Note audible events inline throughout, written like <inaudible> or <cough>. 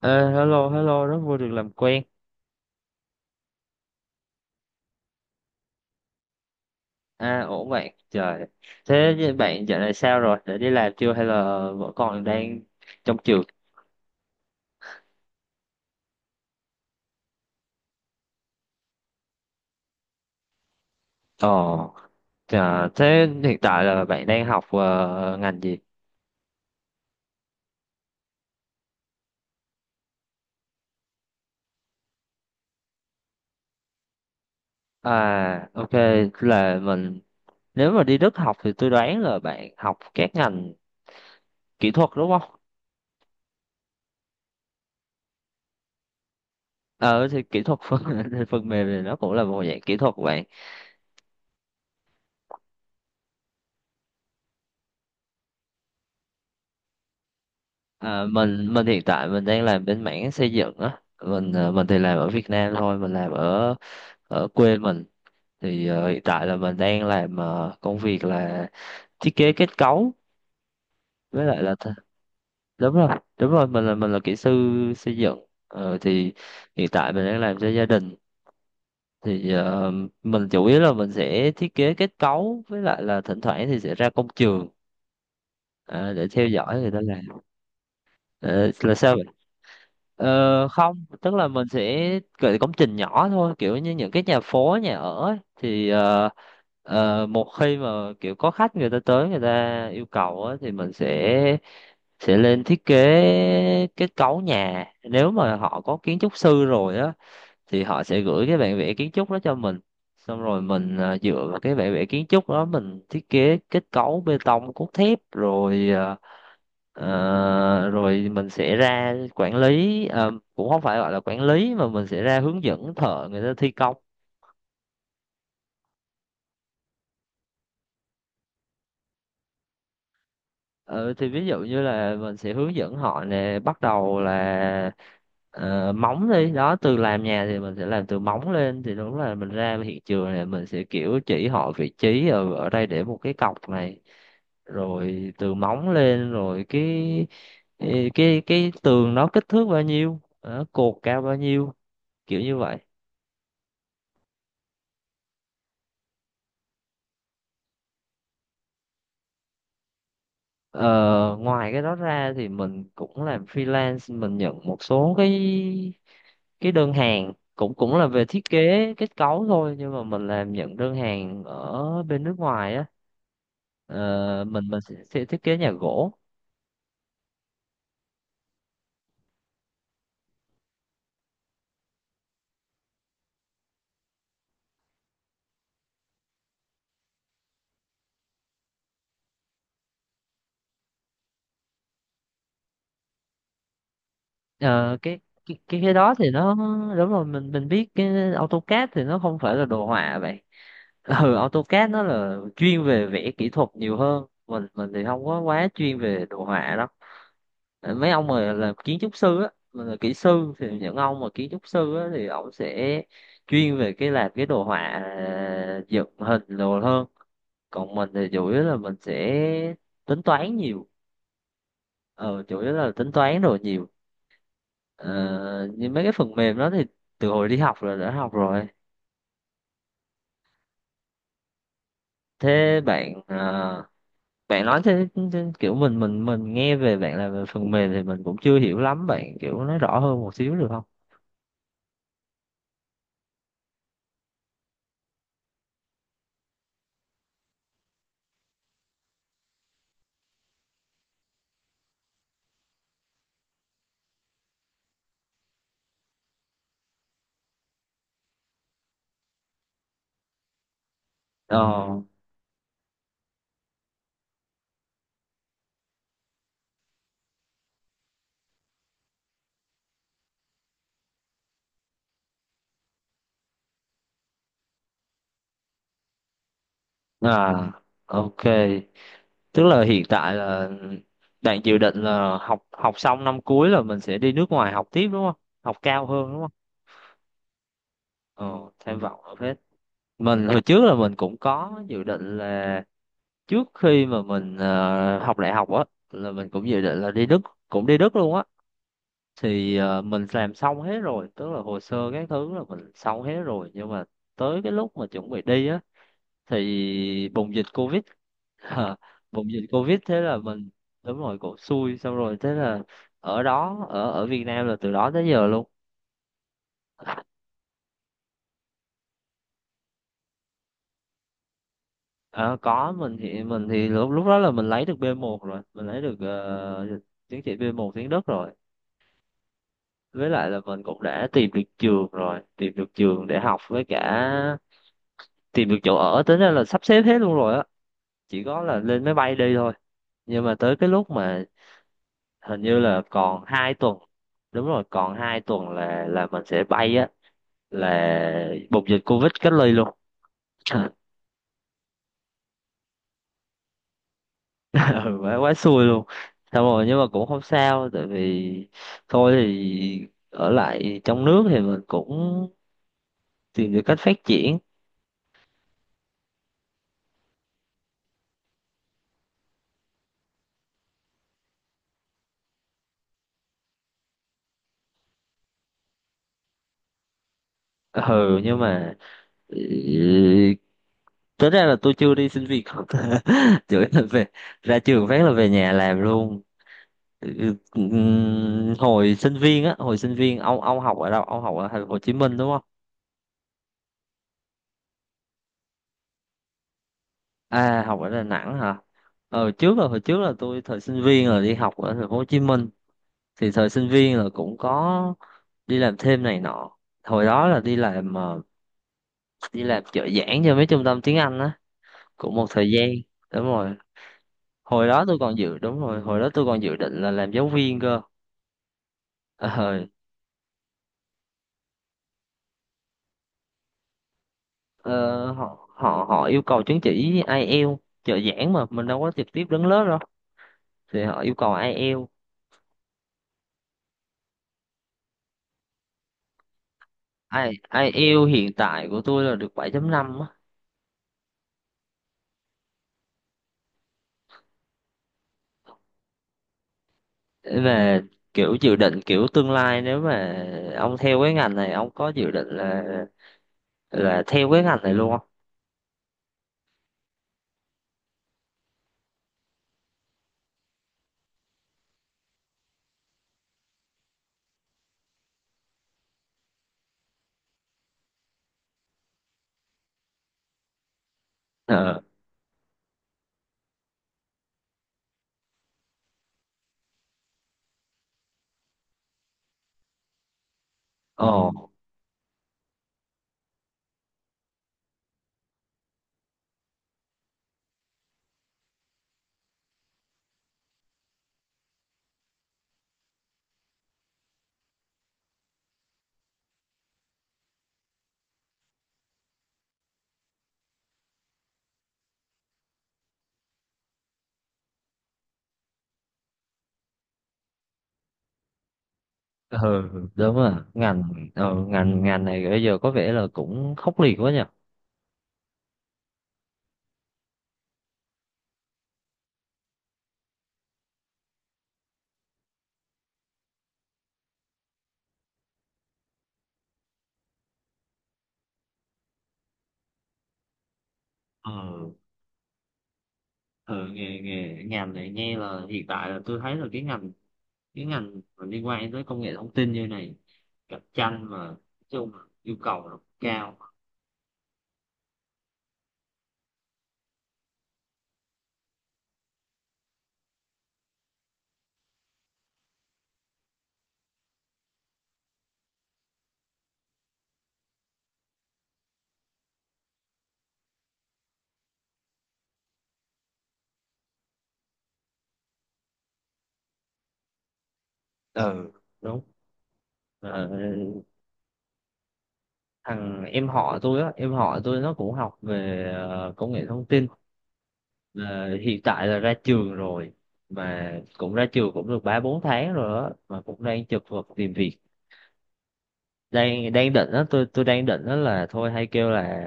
Ờ, Hello, hello, rất vui được làm quen. À, ổn bạn. Trời, thế với bạn dạo này sao rồi? Đã đi làm chưa hay là vẫn còn đang trong trường? Ồ, trời, thế hiện tại là bạn đang học ngành gì? À, ok, là mình nếu mà đi Đức học thì tôi đoán là bạn học các ngành kỹ thuật đúng không? Ờ, thì kỹ thuật <laughs> phần mềm thì nó cũng là một dạng kỹ thuật của bạn. À, mình hiện tại mình đang làm bên mảng xây dựng á, mình thì làm ở Việt Nam thôi, mình làm ở ở quê mình. Thì hiện tại là mình đang làm công việc là thiết kế kết cấu với lại là đúng rồi, đúng rồi, mình là kỹ sư xây dựng. Thì hiện tại mình đang làm cho gia đình. Thì mình chủ yếu là mình sẽ thiết kế kết cấu, với lại là thỉnh thoảng thì sẽ ra công trường ờ, để theo dõi người ta làm. Ờ, là sao? Ờ, không, tức là mình sẽ gửi công trình nhỏ thôi, kiểu như những cái nhà phố, nhà ở ấy. Thì một khi mà kiểu có khách người ta tới người ta yêu cầu á, thì mình sẽ lên thiết kế kết cấu nhà. Nếu mà họ có kiến trúc sư rồi á, thì họ sẽ gửi cái bản vẽ kiến trúc đó cho mình. Xong rồi mình dựa vào cái bản vẽ kiến trúc đó mình thiết kế kết cấu bê tông cốt thép rồi. Rồi mình sẽ ra quản lý, à, cũng không phải gọi là quản lý mà mình sẽ ra hướng dẫn thợ người ta thi công. Ừ, thì ví dụ như là mình sẽ hướng dẫn họ nè, bắt đầu là móng đi đó. Từ làm nhà thì mình sẽ làm từ móng lên, thì đúng là mình ra hiện trường này, mình sẽ kiểu chỉ họ vị trí ở đây để một cái cọc này, rồi từ móng lên, rồi cái tường nó kích thước bao nhiêu đó, cột cao bao nhiêu, kiểu như vậy. Ờ, ngoài cái đó ra thì mình cũng làm freelance, mình nhận một số cái đơn hàng cũng cũng là về thiết kế kết cấu thôi, nhưng mà mình làm nhận đơn hàng ở bên nước ngoài á. Ờ, mình sẽ thiết kế nhà gỗ. Ờ, cái cái đó thì nó đúng rồi, mình biết cái AutoCAD thì nó không phải là đồ họa vậy. <laughs> ừ, AutoCAD nó là chuyên về vẽ kỹ thuật nhiều hơn, mình thì không có quá chuyên về đồ họa đâu. Mấy ông mà làm kiến trúc sư á, mà là kỹ sư thì những ông mà kiến trúc sư á thì ông sẽ chuyên về cái làm cái đồ họa à, dựng hình đồ hơn. Còn mình thì chủ yếu là mình sẽ tính toán nhiều, ờ chủ yếu là tính toán đồ nhiều. Ờ, Như mấy cái phần mềm đó thì từ hồi đi học là đã học rồi. Thế bạn à, bạn nói thế, thế kiểu mình nghe về bạn làm về phần mềm thì mình cũng chưa hiểu lắm, bạn kiểu nói rõ hơn một xíu được không? ờ À, ok. Tức là hiện tại là bạn dự định là học học xong năm cuối là mình sẽ đi nước ngoài học tiếp đúng không? Học cao hơn đúng không? Ờ, tham vọng ở hết. Mình hồi trước là mình cũng có dự định là trước khi mà mình học đại học á là mình cũng dự định là đi Đức, cũng đi Đức luôn á. Thì mình làm xong hết rồi, tức là hồ sơ các thứ là mình xong hết rồi, nhưng mà tới cái lúc mà chuẩn bị đi á thì bùng dịch covid. Ờ, bùng dịch covid thế là mình. Đúng rồi, cổ xui, xong rồi thế là ở đó, ở ở Việt Nam là từ đó tới giờ luôn. Ờ, có, mình thì lúc lúc đó là mình lấy được B1 rồi, mình lấy được chứng chỉ B1 tiếng Đức rồi, với lại là mình cũng đã tìm được trường rồi, tìm được trường để học, với cả tìm được chỗ ở, tính ra là sắp xếp hết luôn rồi á, chỉ có là lên máy bay đi thôi. Nhưng mà tới cái lúc mà hình như là còn 2 tuần, đúng rồi, còn 2 tuần là mình sẽ bay á, là bùng dịch covid, cách ly luôn. <laughs> ừ, quá quá xui luôn, xong rồi nhưng mà cũng không sao tại vì thôi thì ở lại trong nước thì mình cũng tìm được cách phát triển. Ừ, nhưng mà ừ, tính ra là tôi chưa đi xin việc. <laughs> chửi là về, ra trường phát là về nhà làm luôn. Ừ, hồi sinh viên á, hồi sinh viên ông học ở đâu, ông học ở thành phố Hồ Chí Minh đúng không? À, học ở Đà Nẵng hả? Trước là hồi trước là tôi thời sinh viên là đi học ở thành phố Hồ Chí Minh, thì thời sinh viên là cũng có đi làm thêm này nọ, hồi đó là đi làm đi làm trợ giảng cho mấy trung tâm tiếng Anh á, cũng một thời gian. Đúng rồi hồi đó tôi còn dự đúng rồi, hồi đó tôi còn dự định là làm giáo viên cơ. ờ Ờ, họ họ họ yêu cầu chứng chỉ IELTS. Trợ giảng mà mình đâu có trực tiếp đứng lớp đâu, thì họ yêu cầu IELTS. Ai? IELTS hiện tại của tôi là được 7.5 á. Về kiểu dự định kiểu tương lai, nếu mà ông theo cái ngành này ông có dự định là theo cái ngành này luôn không? Ờ ồ. Ừ, đúng rồi, ngành ờ, ngành ngành này bây giờ có vẻ là cũng khốc liệt quá nhỉ. ờ ừ, nghe nghe ngành này, nghe là hiện tại là tôi thấy là cái ngành mà liên quan tới công nghệ thông tin như này, cạnh tranh mà nói chung là yêu cầu nó cao. Ừ, đúng. Ờ, thằng em họ tôi á em họ tôi nó cũng học về công nghệ thông tin. Ờ, hiện tại là ra trường rồi, mà cũng ra trường cũng được 3 4 tháng rồi á, mà cũng đang chật vật tìm việc. Đang đang định á, tôi đang định á là thôi hay kêu là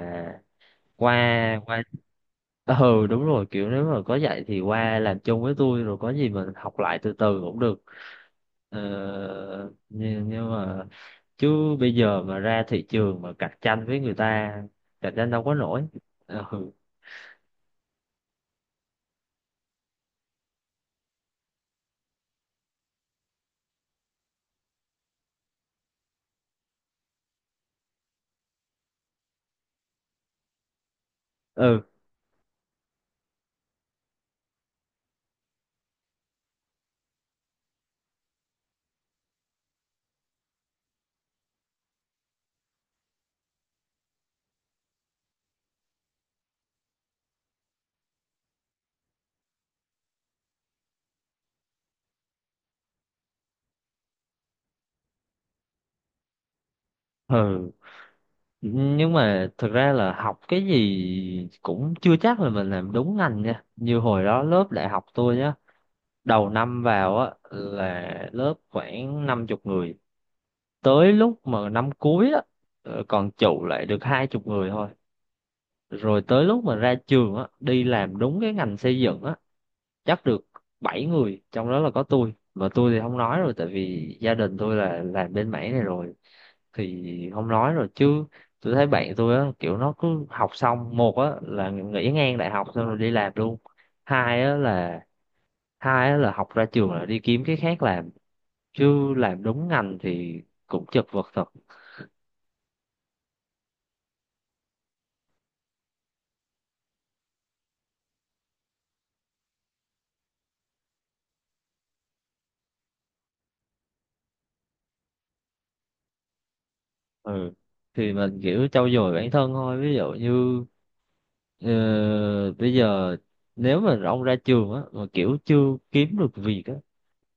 qua qua. Ừ, đúng rồi, kiểu nếu mà có dạy thì qua làm chung với tôi, rồi có gì mình học lại từ từ cũng được. ờ, nhưng mà chứ bây giờ mà ra thị trường mà cạnh tranh với người ta, cạnh tranh đâu có nổi. Ừ, ừ, ừ nhưng mà thực ra là học cái gì cũng chưa chắc là mình làm đúng ngành nha. Như hồi đó lớp đại học tôi nhá, đầu năm vào á là lớp khoảng 50 người, tới lúc mà năm cuối á còn trụ lại được 20 người thôi. Rồi tới lúc mà ra trường á, đi làm đúng cái ngành xây dựng á, chắc được bảy người, trong đó là có tôi. Mà tôi thì không nói rồi, tại vì gia đình tôi là làm bên mảng này rồi thì không nói rồi. Chứ tôi thấy bạn tôi á, kiểu nó cứ học xong, một á là nghỉ ngang đại học xong rồi đi làm luôn, hai á là hai á là học ra trường là đi kiếm cái khác làm, chứ làm đúng ngành thì cũng chật vật thật. Ừ, thì mình kiểu trau dồi bản thân thôi, ví dụ như bây giờ nếu mà ông ra trường á mà kiểu chưa kiếm được việc á,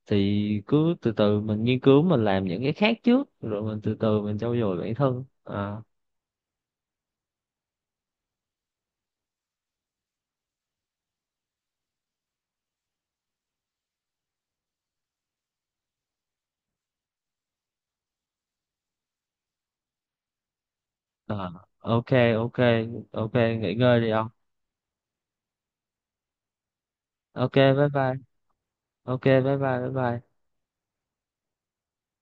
thì cứ từ từ mình nghiên cứu, mình làm những cái khác trước, rồi mình từ từ mình trau dồi bản thân à. À, ok, ok, ok. Nghỉ ngơi đi ông. Ok, bye bye. Ok, bye bye. Bye bye.